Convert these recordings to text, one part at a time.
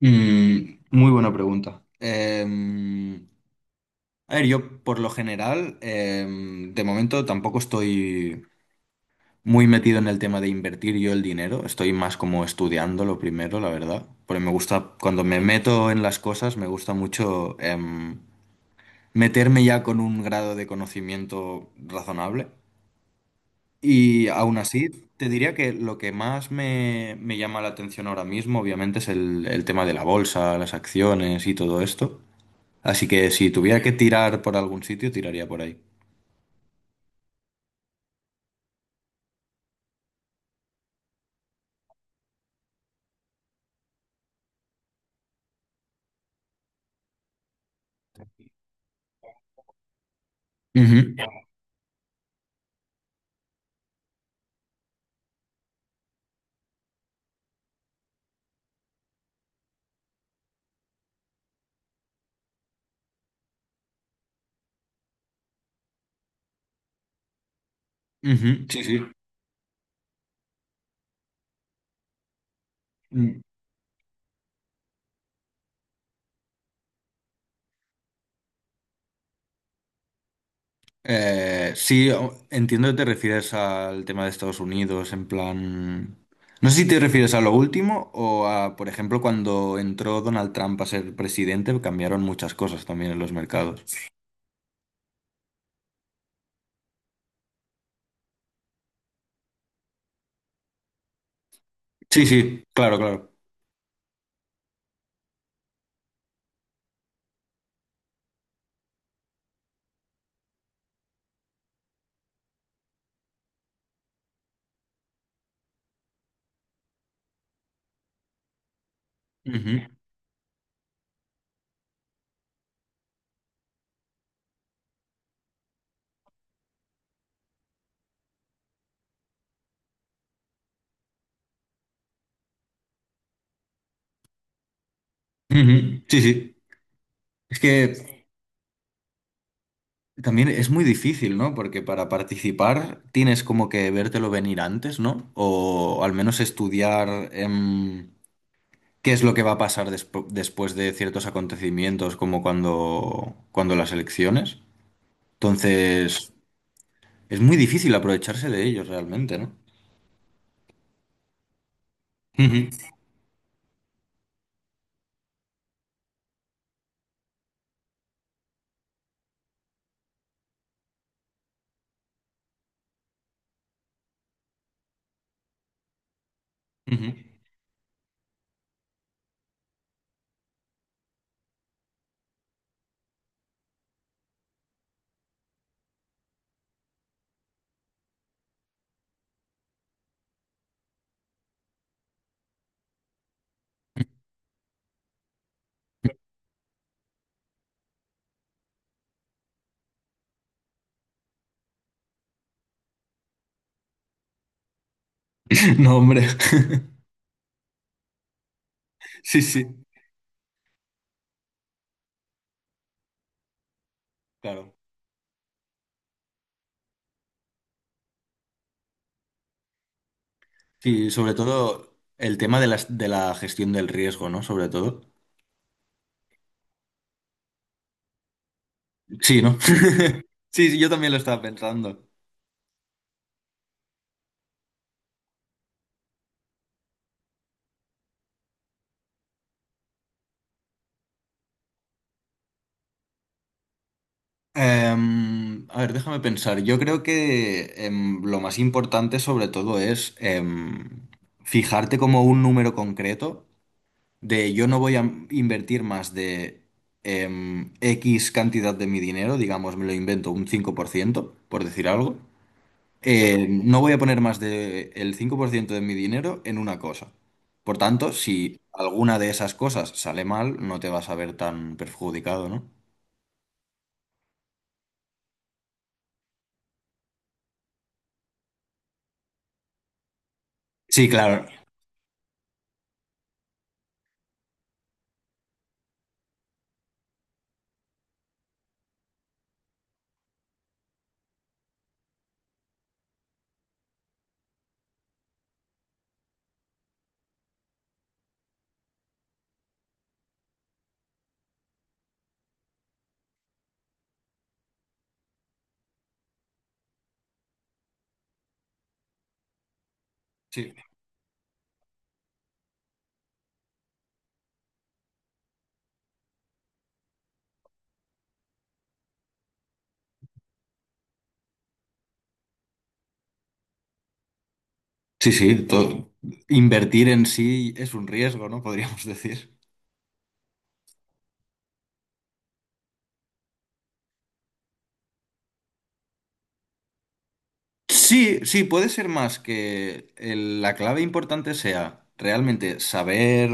Mm, muy buena pregunta. A ver, yo por lo general, de momento tampoco estoy muy metido en el tema de invertir yo el dinero. Estoy más como estudiando lo primero, la verdad. Porque me gusta, cuando me meto en las cosas, me gusta mucho meterme ya con un grado de conocimiento razonable. Y aún así, te diría que lo que más me llama la atención ahora mismo, obviamente, es el tema de la bolsa, las acciones y todo esto. Así que si tuviera que tirar por algún sitio, tiraría por ahí. Ujú, ujú. Sí, sí. Mm. Sí, entiendo que te refieres al tema de Estados Unidos, en plan... No sé si te refieres a lo último o a, por ejemplo, cuando entró Donald Trump a ser presidente, cambiaron muchas cosas también en los mercados. Sí, sí, claro, claro. Ujú, ujú. Sí, sí. Es que También es muy difícil, ¿no? Porque para participar tienes como que vértelo venir antes, ¿no? O al menos estudiar qué es lo que va a pasar después de ciertos acontecimientos, como cuando las elecciones. Entonces, es muy difícil aprovecharse de ellos realmente, ¿no? Ujú, ujú. No, hombre. Sí, sí, claro. Sí, sobre todo el tema de de la gestión del riesgo, ¿no? Sobre todo. Sí, ¿no? Sí, sí, yo también lo estaba pensando. A ver, déjame pensar. Yo creo que lo más importante sobre todo es fijarte como un número concreto de yo no voy a invertir más de X cantidad de mi dinero, digamos, me lo invento un 5%, por decir algo. No voy a poner más del 5% de mi dinero en una cosa. Por tanto, si alguna de esas cosas sale mal, no te vas a ver tan perjudicado, ¿no? Sí, claro. Sí. Sí, sí, to- Invertir en sí es un riesgo, ¿no? Podríamos decir. Sí, sí, puede ser más que la clave importante sea realmente saber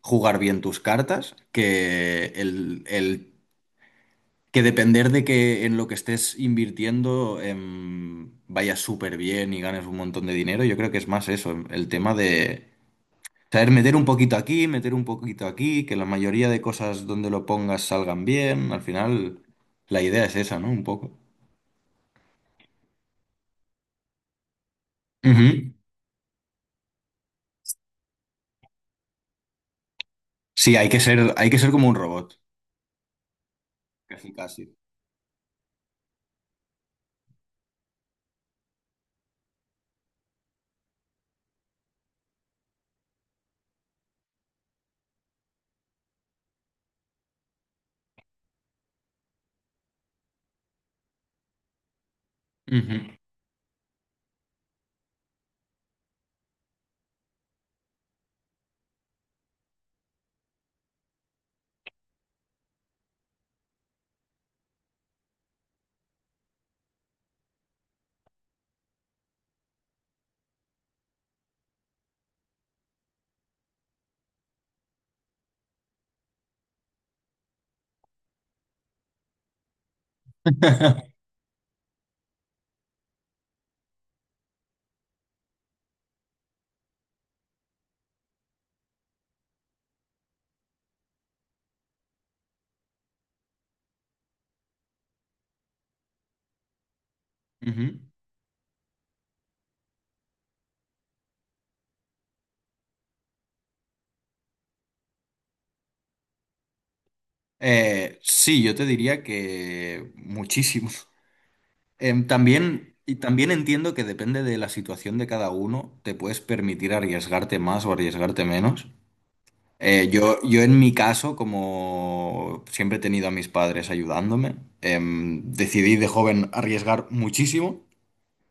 jugar bien tus cartas, que que depender de que en lo que estés invirtiendo vaya súper bien y ganes un montón de dinero. Yo creo que es más eso, el tema de saber meter un poquito aquí, meter un poquito aquí, que la mayoría de cosas donde lo pongas salgan bien. Al final, la idea es esa, ¿no? Un poco. Ujú. Sí, hay que ser como un robot, casi casi. Ujú. Ujú. Sí, yo te diría que muchísimo. También, y también entiendo que depende de la situación de cada uno, te puedes permitir arriesgarte más o arriesgarte menos. Yo en mi caso, como siempre he tenido a mis padres ayudándome, decidí de joven arriesgar muchísimo.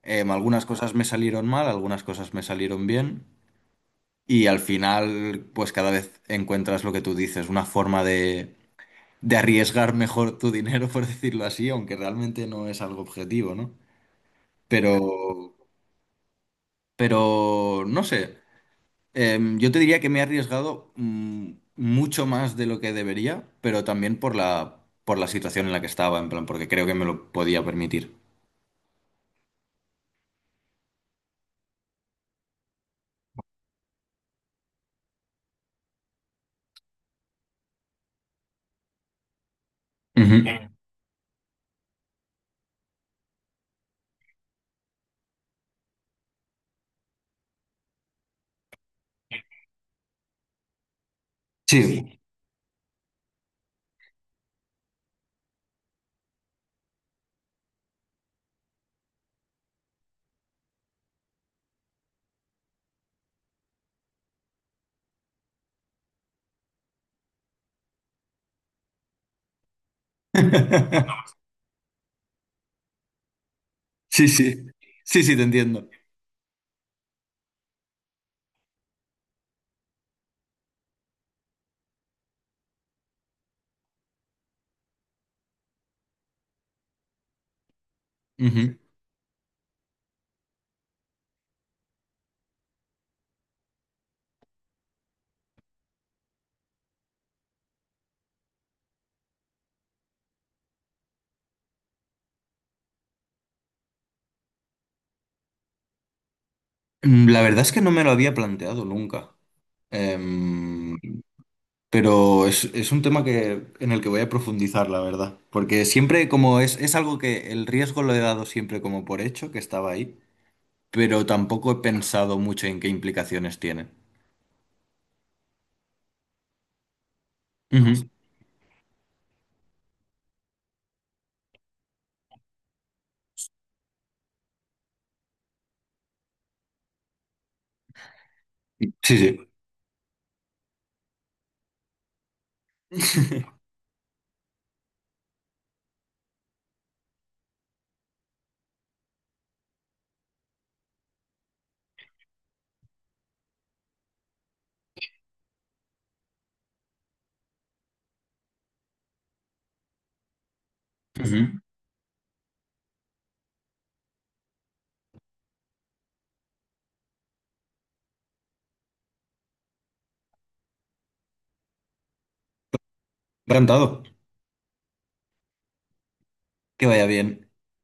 Algunas cosas me salieron mal, algunas cosas me salieron bien. Y al final, pues cada vez encuentras lo que tú dices, una forma de arriesgar mejor tu dinero, por decirlo así, aunque realmente no es algo objetivo, ¿no? Pero, pero, no sé. Yo te diría que me he arriesgado mucho más de lo que debería, pero también por por la situación en la que estaba, en plan, porque creo que me lo podía permitir. Ujú. Sí, sí, sí. Sí, sí, te entiendo. Ujú. Mm, la verdad es que no me lo había planteado nunca. Em, pero es un tema que, en el que voy a profundizar, la verdad. Porque siempre, como es algo que el riesgo lo he dado siempre como por hecho, que estaba ahí, pero tampoco he pensado mucho en qué implicaciones tiene. Ujú. Sí, sí. Ujú. Encantado. Que vaya bien.